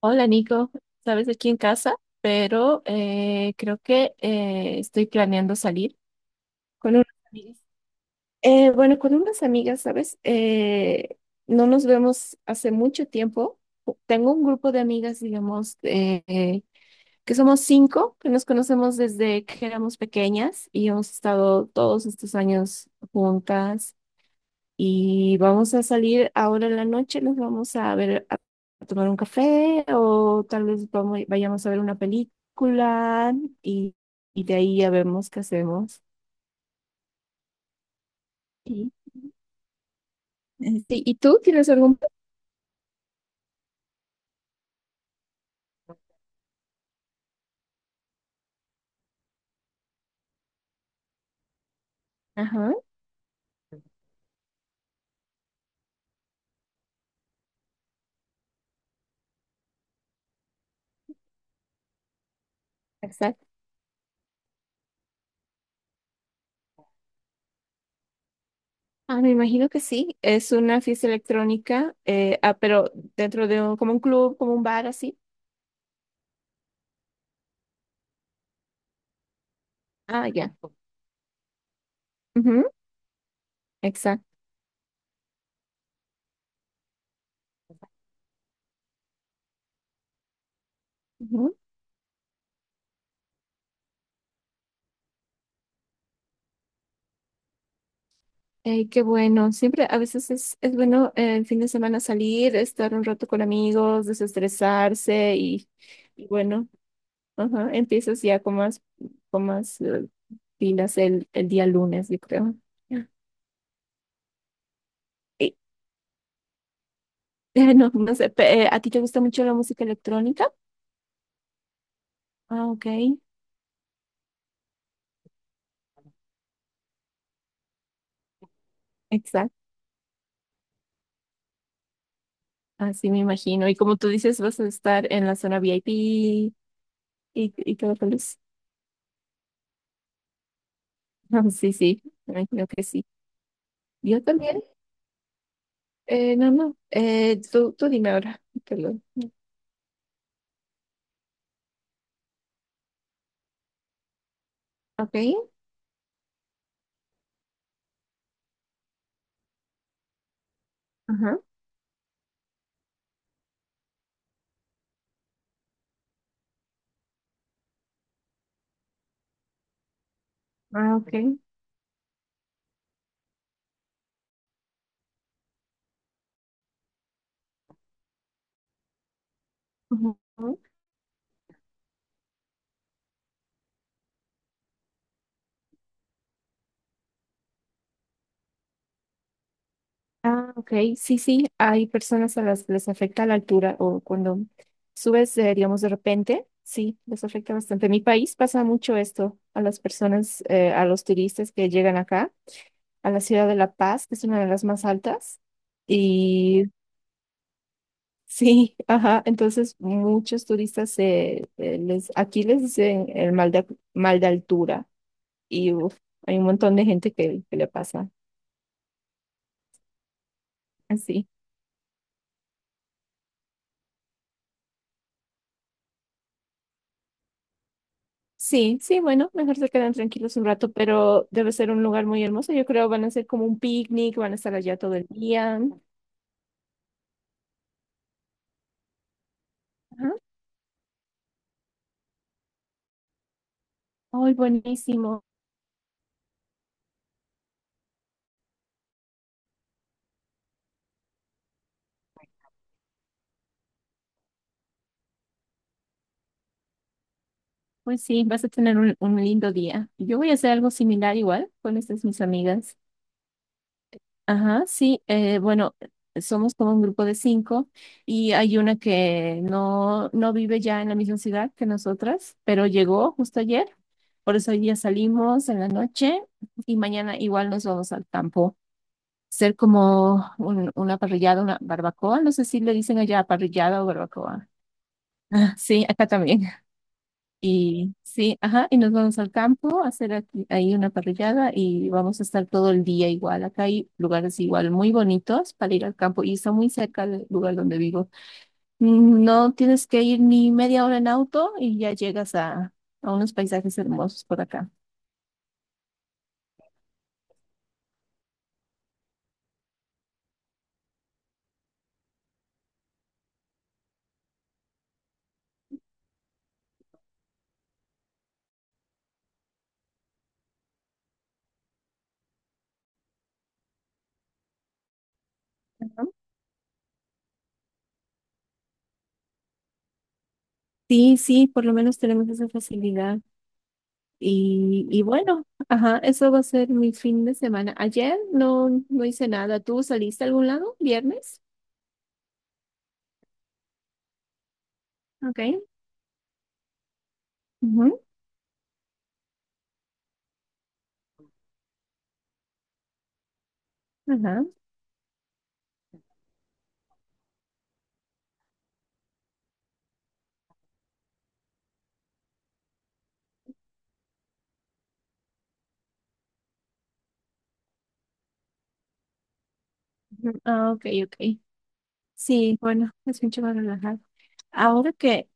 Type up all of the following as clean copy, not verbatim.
Hola Nico, sabes aquí en casa, pero creo que estoy planeando salir con unas amigas. Bueno, con unas amigas, ¿sabes? No nos vemos hace mucho tiempo. Tengo un grupo de amigas, digamos, que somos cinco, que nos conocemos desde que éramos pequeñas y hemos estado todos estos años juntas. Y vamos a salir ahora en la noche, nos vamos a ver a tomar un café o tal vez vayamos a ver una película y, y de ahí ya vemos qué hacemos. Sí. Sí, ¿y tú tienes algún plan? Ajá. Exacto. Ah, me imagino que sí. Es una fiesta electrónica, pero dentro de un, como un club, como un bar así. Ah, ya. Ujú, exacto. Ey, qué bueno. Siempre, a veces es bueno, el fin de semana salir, estar un rato con amigos, desestresarse y bueno, ajá, empiezas ya con más pilas el día lunes, yo creo. Y, no, no sé, ¿a ti te gusta mucho la música electrónica? Ah, ok, exacto. Así me imagino. Y como tú dices, vas a estar en la zona VIP y todo feliz. Ah, sí, sí, me imagino que sí. Yo también. No, no. Eh, tú, dime ahora. Perdón. Ok. Ajá. Ah, ok. Ujú. Ah, ok. Sí, sí. Hay personas a las que les afecta la altura o cuando subes, digamos, de repente. Sí, les afecta bastante. En mi país pasa mucho esto a las personas, a los turistas que llegan acá, a la ciudad de La Paz, que es una de las más altas. Y sí, ajá. Entonces, muchos turistas aquí les dicen el mal de altura. Y uf, hay un montón de gente que le pasa así. Sí, sí, bueno, mejor se quedan tranquilos un rato, pero debe ser un lugar muy hermoso. Yo creo van a ser como un picnic, van a estar allá todo el día. Ajá. Ay, buenísimo. Pues sí, vas a tener un lindo día. Yo voy a hacer algo similar igual con estas mis amigas. Ajá, sí, bueno, somos como un grupo de cinco y hay una que no, no vive ya en la misma ciudad que nosotras, pero llegó justo ayer. Por eso hoy día salimos en la noche y mañana igual nos vamos al campo. Ser como una parrillada, una barbacoa. No sé si le dicen allá parrillada o barbacoa. Ah, sí, acá también. Y sí, ajá, y nos vamos al campo a hacer ahí una parrillada y vamos a estar todo el día igual. Acá hay lugares igual muy bonitos para ir al campo y está muy cerca del lugar donde vivo. No tienes que ir ni media hora en auto y ya llegas a unos paisajes hermosos por acá. Sí, sí, por lo menos tenemos esa facilidad. Y bueno, ajá, eso va a ser mi fin de semana. Ayer no, no hice nada. ¿Tú saliste a algún lado? ¿Viernes? Ok. Ujú, ajá. Ujú. Ah, ok, ok. Sí, bueno, es mucho más relajado. Ahora que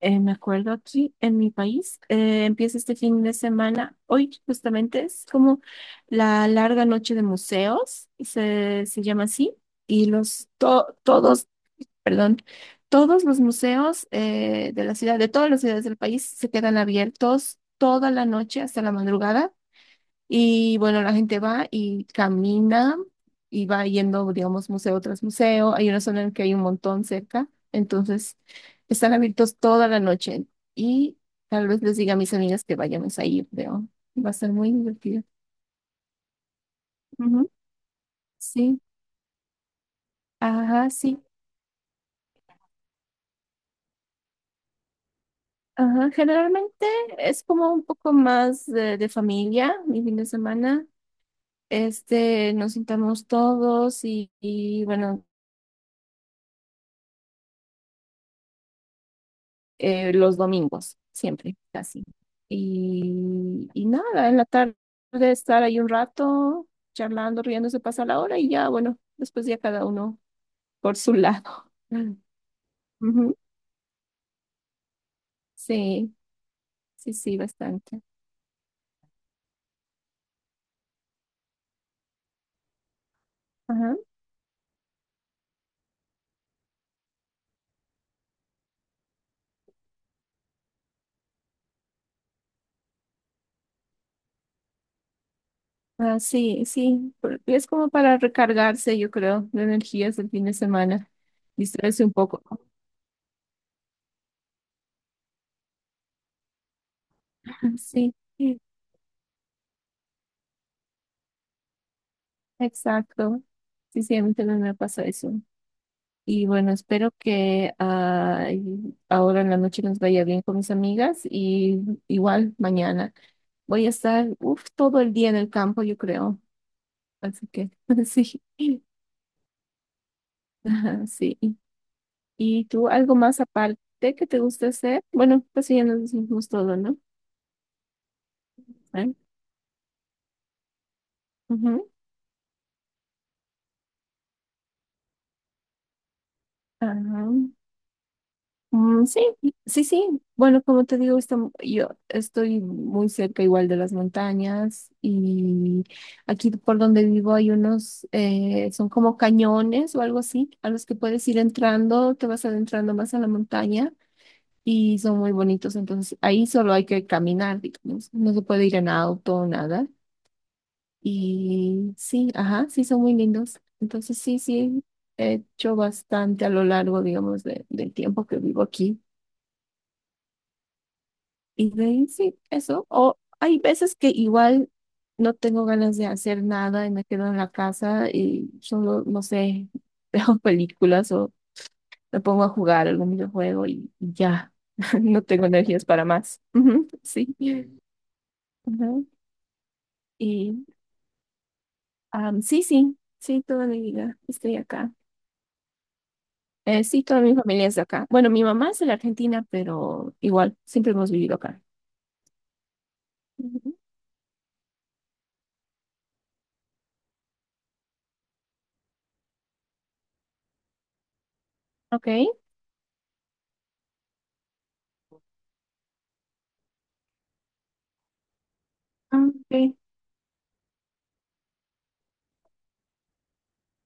me acuerdo aquí en mi país, empieza este fin de semana. Hoy justamente es como la larga noche de museos, se llama así. Y los to- todos perdón, todos los museos, de la ciudad, de todas las ciudades del país, se quedan abiertos toda la noche hasta la madrugada. Y bueno, la gente va y camina y va yendo, digamos, museo tras museo. Hay una zona en que hay un montón cerca, entonces están abiertos toda la noche. Y tal vez les diga a mis amigas que vayamos a ir, pero va a ser muy divertido. Ujú, sí, ajá, sí. Ajá, generalmente es como un poco más de familia, mi fin de semana. Este, nos sentamos todos y, bueno, los domingos, siempre, casi. Y nada, en la tarde estar ahí un rato, charlando, riéndose, pasa la hora y ya, bueno, después ya cada uno por su lado. Ujú, sí, sí, bastante. Ah, sí, sí, es como para recargarse, yo creo, de energías del fin de semana, distraerse un poco. Sí, sí, exacto. Sí, sí, a mí también me pasa eso. Y bueno, espero que ah, y ahora en la noche nos vaya bien con mis amigas y igual mañana voy a estar, uf, todo el día en el campo, yo creo. Así que sí, ah, sí. ¿Y tú algo más aparte que te gusta hacer? Bueno, pues sí, ya nos dijimos todo, ¿no? ¿Eh? Ujú. Ah, sí, sí, sí. Bueno, como te digo, yo estoy muy cerca igual de las montañas y aquí por donde vivo hay unos, son como cañones o algo así, a los que puedes ir entrando, te vas adentrando más a la montaña y son muy bonitos. Entonces ahí solo hay que caminar, digamos, no se puede ir en auto nada. Y sí, ajá, sí, son muy lindos. Entonces sí, sí, he hecho bastante a lo largo, digamos, del tiempo que vivo aquí. Y de ahí sí, eso. O hay veces que igual no tengo ganas de hacer nada y me quedo en la casa y solo, no sé, veo películas o me pongo a jugar algún videojuego y ya. No tengo energías para más. Ujú, sí. Ujú. Y sí, sí, sí, toda mi vida estoy acá. Sí, toda mi familia es de acá. Bueno, mi mamá es de la Argentina, pero igual, siempre hemos vivido acá. Ujú. Ok. Ah, ok.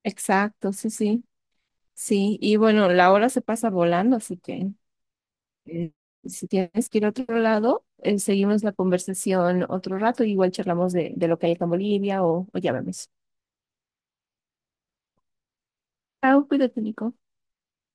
Exacto, sí, sí. Sí, y bueno, la hora se pasa volando, así que eh, si tienes que ir a otro lado, seguimos la conversación otro rato, igual charlamos de lo que hay acá en Bolivia o ya vemos. Chao, cuídate, Nico.